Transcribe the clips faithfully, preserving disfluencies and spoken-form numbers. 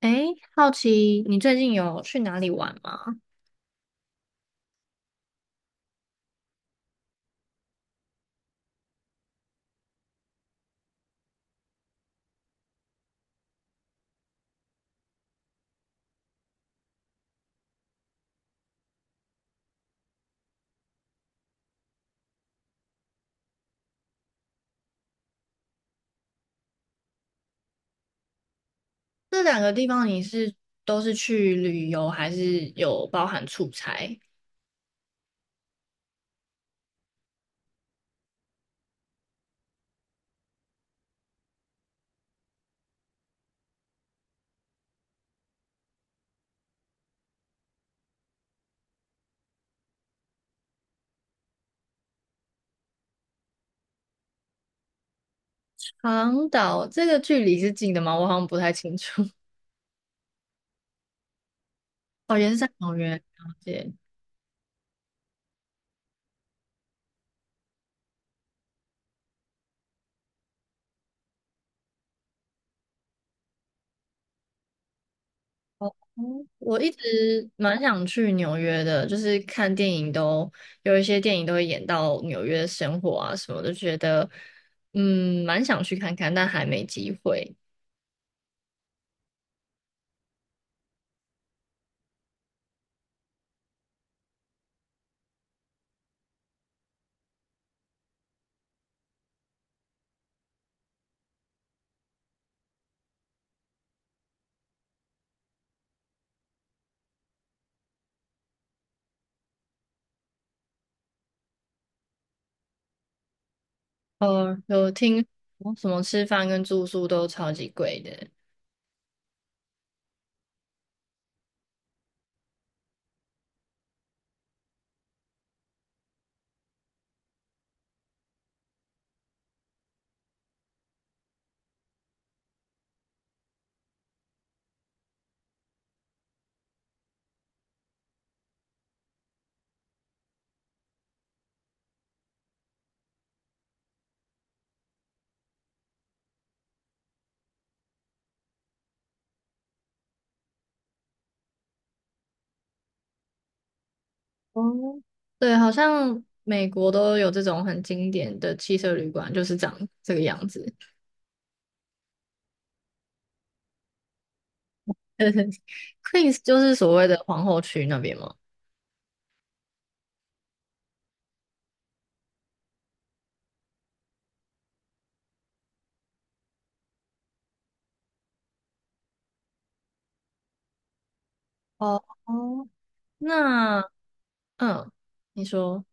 诶，好奇你最近有去哪里玩吗？这两个地方你是都是去旅游，还是有包含出差？长岛这个距离是近的吗？我好像不太清楚。哦，也是在纽约，了解。哦，我一直蛮想去纽约的，就是看电影都有一些电影都会演到纽约生活啊什么的，觉得嗯蛮想去看看，但还没机会。呃，有听说什么吃饭跟住宿都超级贵的。哦，对，好像美国都有这种很经典的汽车旅馆，就是长这个样子。Queens 就是所谓的皇后区那边吗？哦，哦。那嗯，你说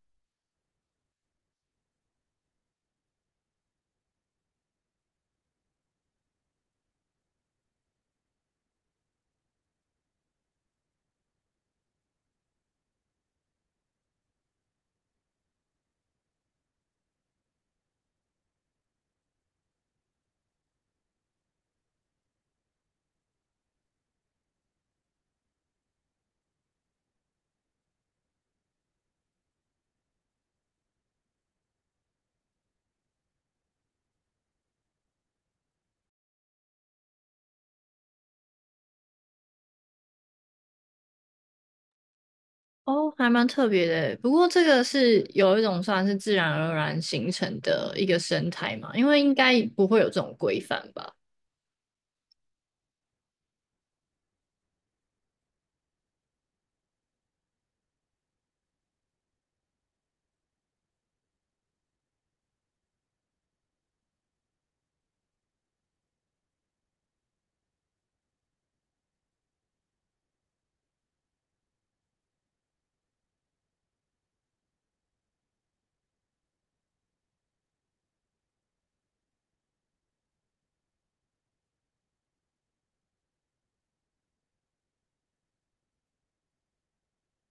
哦，还蛮特别的欸。不过这个是有一种算是自然而然形成的一个生态嘛，因为应该不会有这种规范吧。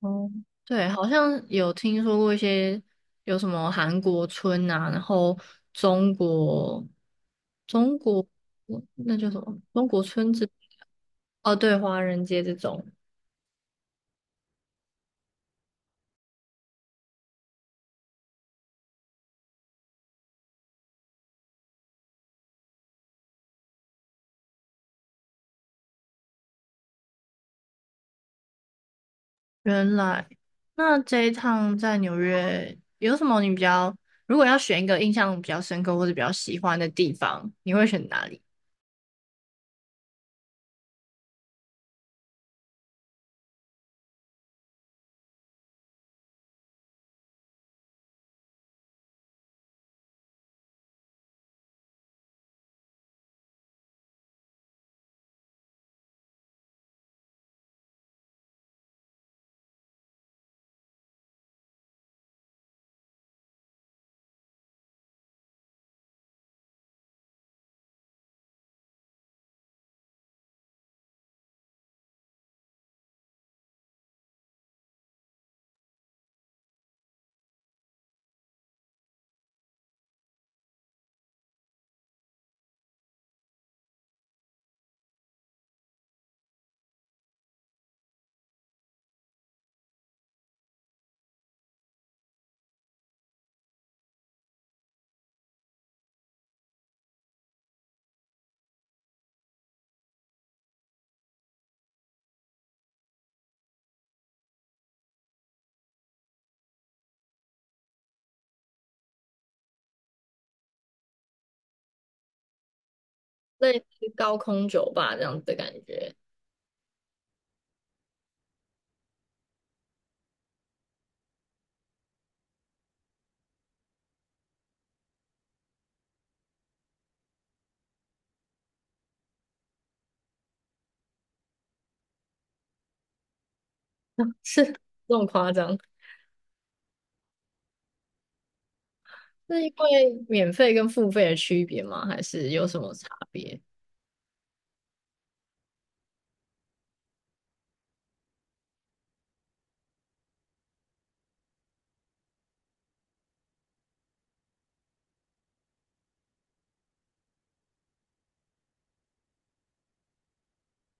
哦，对，好像有听说过一些有什么韩国村啊，然后中国中国那叫什么中国村子？哦，对，华人街这种。原来，那这一趟在纽约有什么你比较，如果要选一个印象比较深刻或者比较喜欢的地方，你会选哪里？类似高空酒吧这样子的感觉，是这么夸张？是因为免费跟付费的区别吗？还是有什么差别？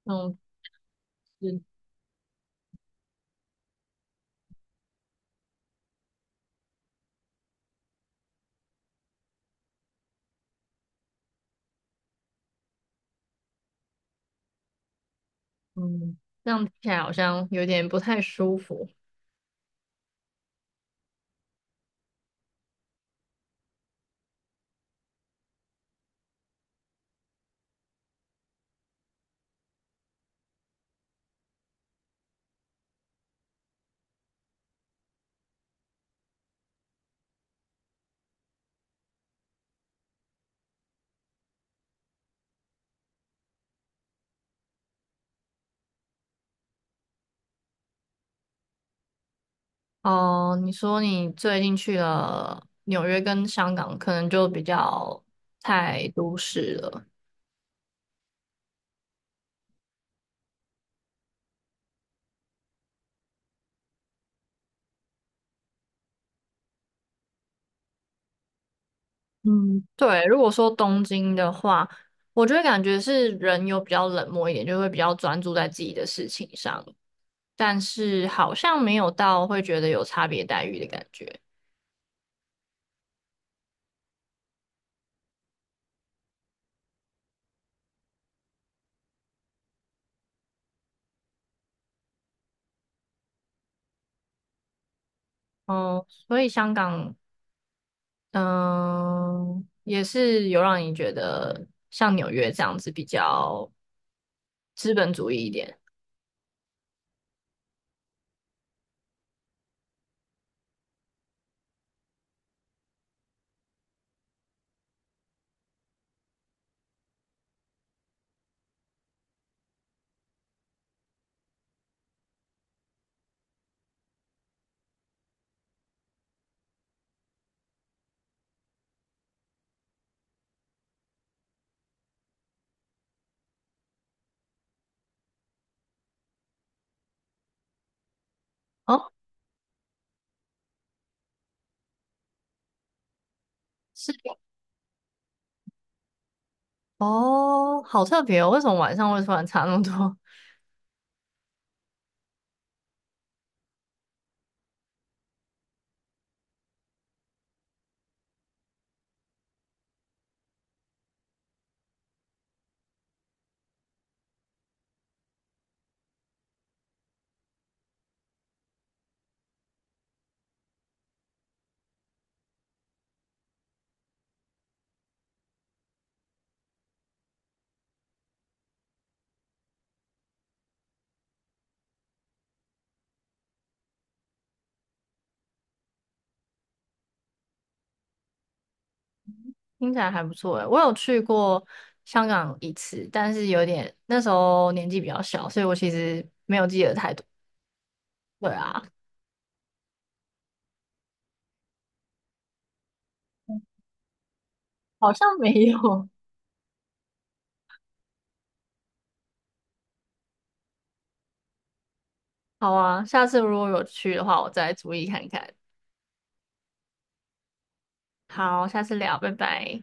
嗯，是，嗯，这样听起来好像有点不太舒服。哦，你说你最近去了纽约跟香港，可能就比较太都市了。嗯，对，如果说东京的话，我觉得感觉是人有比较冷漠一点，就会比较专注在自己的事情上，但是好像没有到会觉得有差别待遇的感觉。哦，所以香港嗯，也是有让你觉得像纽约这样子比较资本主义一点。哦，是哦，好特别哦！为什么晚上会突然差那么多？听起来还不错诶。我有去过香港一次，但是有点那时候年纪比较小，所以我其实没有记得太多。对啊，好像没有。好啊，下次如果有去的话，我再注意看看。好，下次聊，拜拜。